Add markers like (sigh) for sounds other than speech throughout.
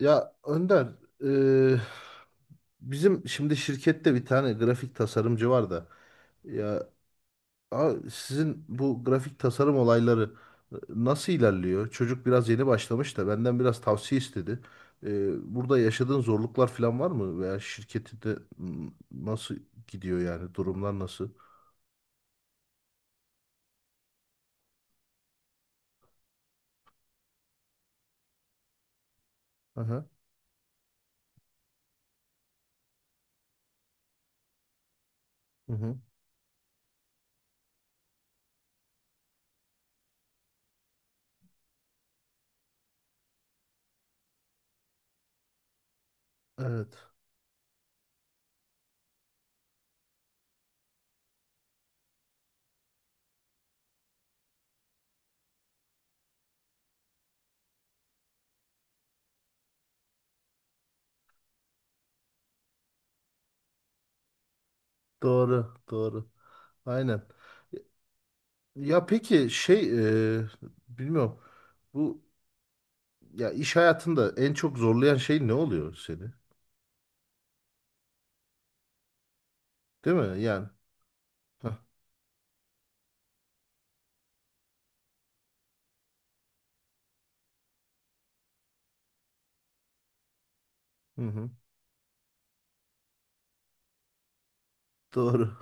Ya Önder, eee, bizim şimdi şirkette bir tane grafik tasarımcı var da ya sizin bu grafik tasarım olayları nasıl ilerliyor? Çocuk biraz yeni başlamış da benden biraz tavsiye istedi. Burada yaşadığın zorluklar falan var mı? Veya şirketinde nasıl gidiyor yani? Durumlar nasıl? Aha, hı hı. Evet. Doğru, doğru. Aynen. Ya peki şey, bilmiyorum. Bu, ya iş hayatında en çok zorlayan şey ne oluyor seni? Değil mi? Yani. Hah, hı hı. Doğru.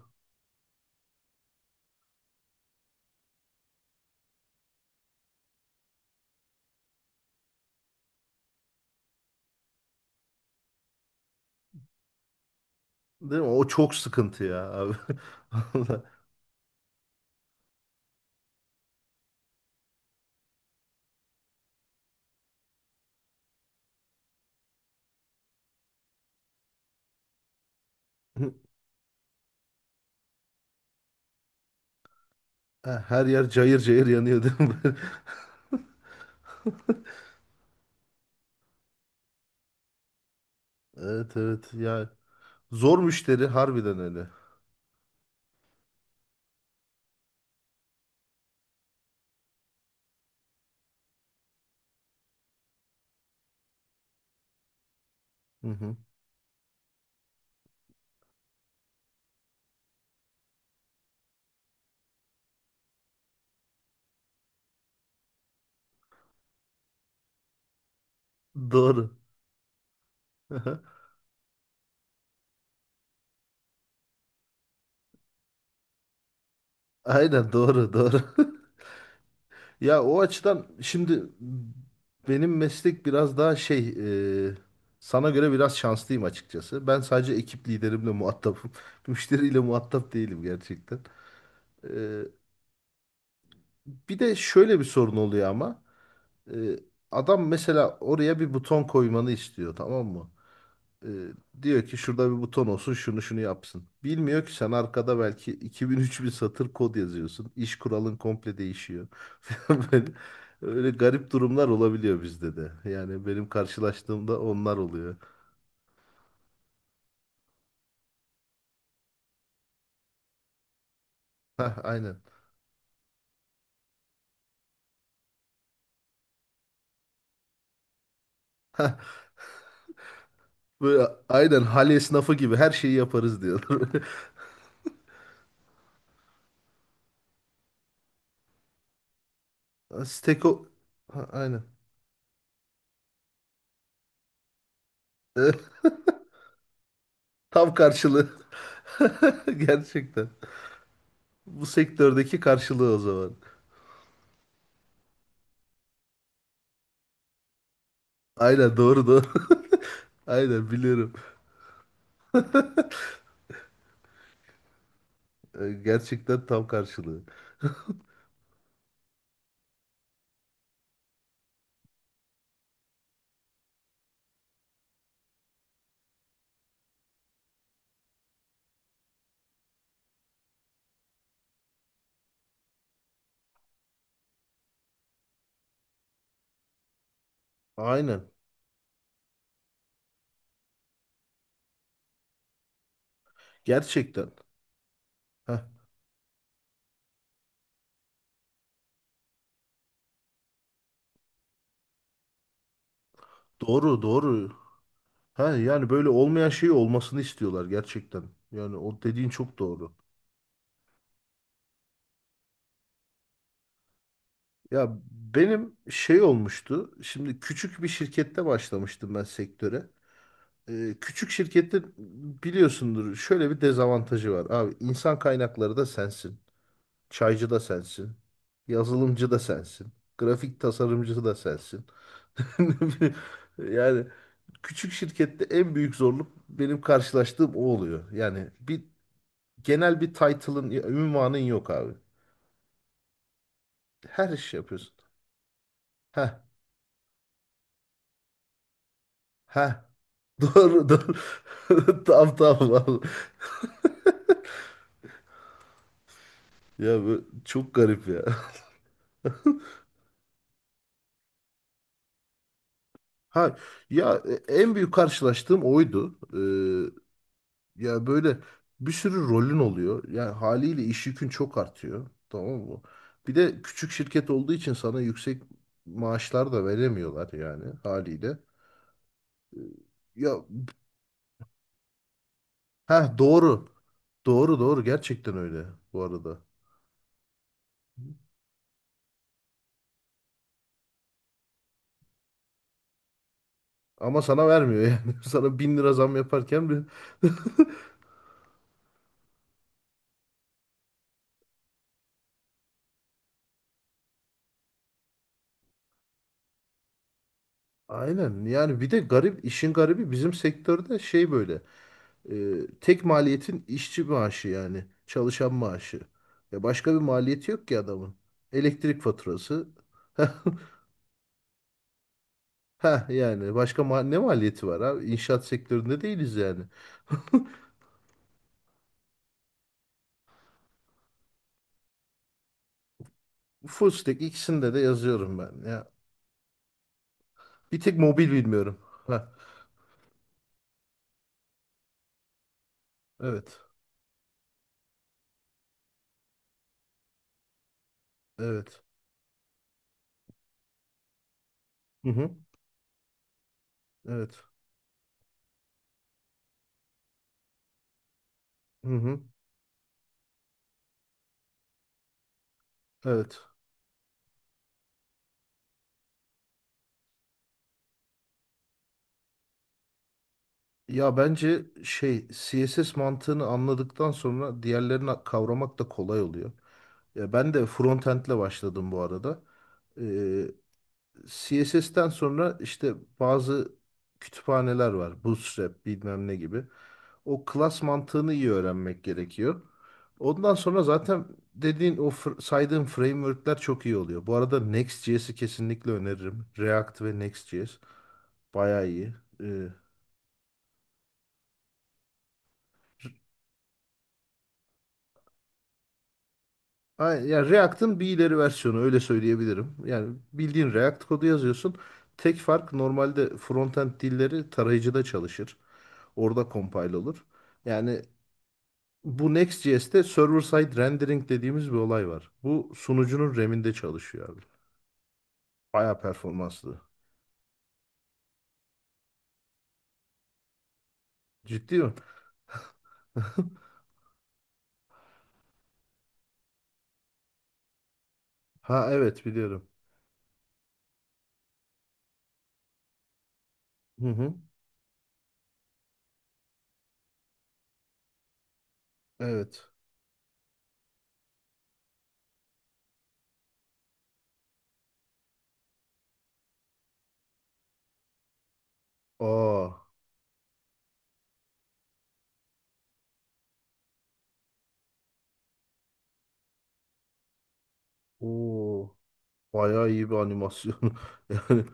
Değil mi? O çok sıkıntı ya abi. (laughs) Vallahi. Ha, her yer cayır cayır yanıyor değil mi? (laughs) Evet evet. Ya zor müşteri harbiden öyle. Hı hı. Doğru. (laughs) Aynen doğru doğru. (laughs) Ya o açıdan şimdi benim meslek biraz daha şey, e, sana göre biraz şanslıyım açıkçası. Ben sadece ekip liderimle muhatapım. (laughs) Müşteriyle muhatap değilim gerçekten. E, bir de şöyle bir sorun oluyor ama. E, adam mesela oraya bir buton koymanı istiyor, tamam mı? Ee, Diyor ki şurada bir buton olsun, şunu şunu yapsın. Bilmiyor ki sen arkada belki 2000-3000 satır kod yazıyorsun. İş kuralın komple değişiyor. (laughs) Falan böyle, öyle garip durumlar olabiliyor bizde de. Yani benim karşılaştığımda onlar oluyor. Hah, aynen. Hah, böyle aynen hal esnafı gibi her şeyi yaparız diyorlar. (laughs) Steko... Ha, aynen. (laughs) Tam karşılığı. (laughs) Gerçekten. Bu sektördeki karşılığı o zaman. Aynen doğru doğru. (laughs) Aynen biliyorum. E, gerçekten tam karşılığı. Aynen. Gerçekten. Heh. Doğru, doğru. Ha, yani böyle olmayan şey olmasını istiyorlar gerçekten. Yani o dediğin çok doğru. Ya benim şey olmuştu. Şimdi küçük bir şirkette başlamıştım ben sektöre. Küçük şirkette biliyorsundur şöyle bir dezavantajı var. Abi insan kaynakları da sensin. Çaycı da sensin. Yazılımcı da sensin. Grafik tasarımcısı da sensin. (laughs) Yani küçük şirkette en büyük zorluk benim karşılaştığım o oluyor. Yani bir genel bir title'ın, ünvanın yok abi. Her iş yapıyorsun. Heh, heh. (laughs) Doğru, doğru. (laughs) Tamam, tamam abi. Ya bu çok garip ya. (laughs) Ha, ya en büyük karşılaştığım oydu. Ya böyle bir sürü rolün oluyor. Yani haliyle iş yükün çok artıyor. Tamam mı? Bir de küçük şirket olduğu için sana yüksek maaşlar da veremiyorlar yani haliyle. Ee, Ya ha, doğru. Doğru doğru, gerçekten öyle bu arada. Ama sana vermiyor yani. (laughs) Sana bin lira zam yaparken bir... Aynen yani bir de garip işin garibi bizim sektörde şey böyle. Ee, Tek maliyetin işçi maaşı yani. Çalışan maaşı. Ya başka bir maliyeti yok ki adamın. Elektrik faturası. (laughs) Ha yani başka ne maliyeti var abi? İnşaat sektöründe değiliz yani. Full stack, ikisinde de yazıyorum ben ya. Bir tek mobil bilmiyorum. Ha evet. Evet. Hı hı. Evet. Hı hı. Evet. Ya bence şey, CSS mantığını anladıktan sonra diğerlerini kavramak da kolay oluyor. Ya ben de frontend'le başladım bu arada. Ee, CSS'ten sonra işte bazı kütüphaneler var. Bootstrap bilmem ne gibi. O class mantığını iyi öğrenmek gerekiyor. Ondan sonra zaten dediğin o saydığın framework'ler çok iyi oluyor. Bu arada Next.js'i kesinlikle öneririm. React ve Next.js bayağı iyi. Yani React'ın bir ileri versiyonu, öyle söyleyebilirim. Yani bildiğin React kodu yazıyorsun. Tek fark, normalde frontend dilleri tarayıcıda çalışır. Orada compile olur. Yani bu Next.js'te server side rendering dediğimiz bir olay var. Bu sunucunun RAM'inde çalışıyor abi. Bayağı performanslı. Ciddi mi? Ha evet biliyorum. Hı hı. Evet. Aa, o bayağı iyi bir animasyon. (laughs) Yani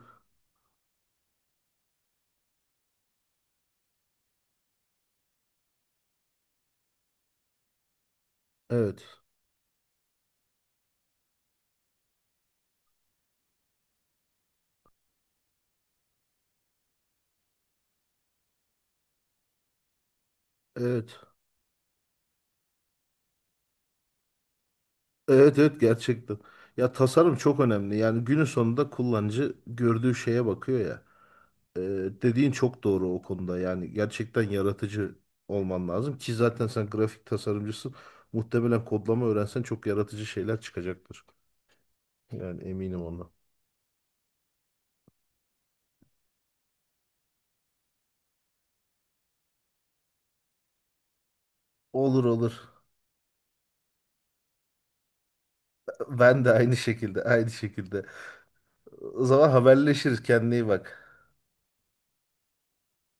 evet. Evet. Evet evet gerçekten. Ya tasarım çok önemli. Yani günün sonunda kullanıcı gördüğü şeye bakıyor ya. Ee, Dediğin çok doğru o konuda. Yani gerçekten yaratıcı olman lazım ki zaten sen grafik tasarımcısın. Muhtemelen kodlama öğrensen çok yaratıcı şeyler çıkacaktır. Yani eminim ona. Olur olur. Ben de aynı şekilde, aynı şekilde. O zaman haberleşiriz. Kendine iyi bak.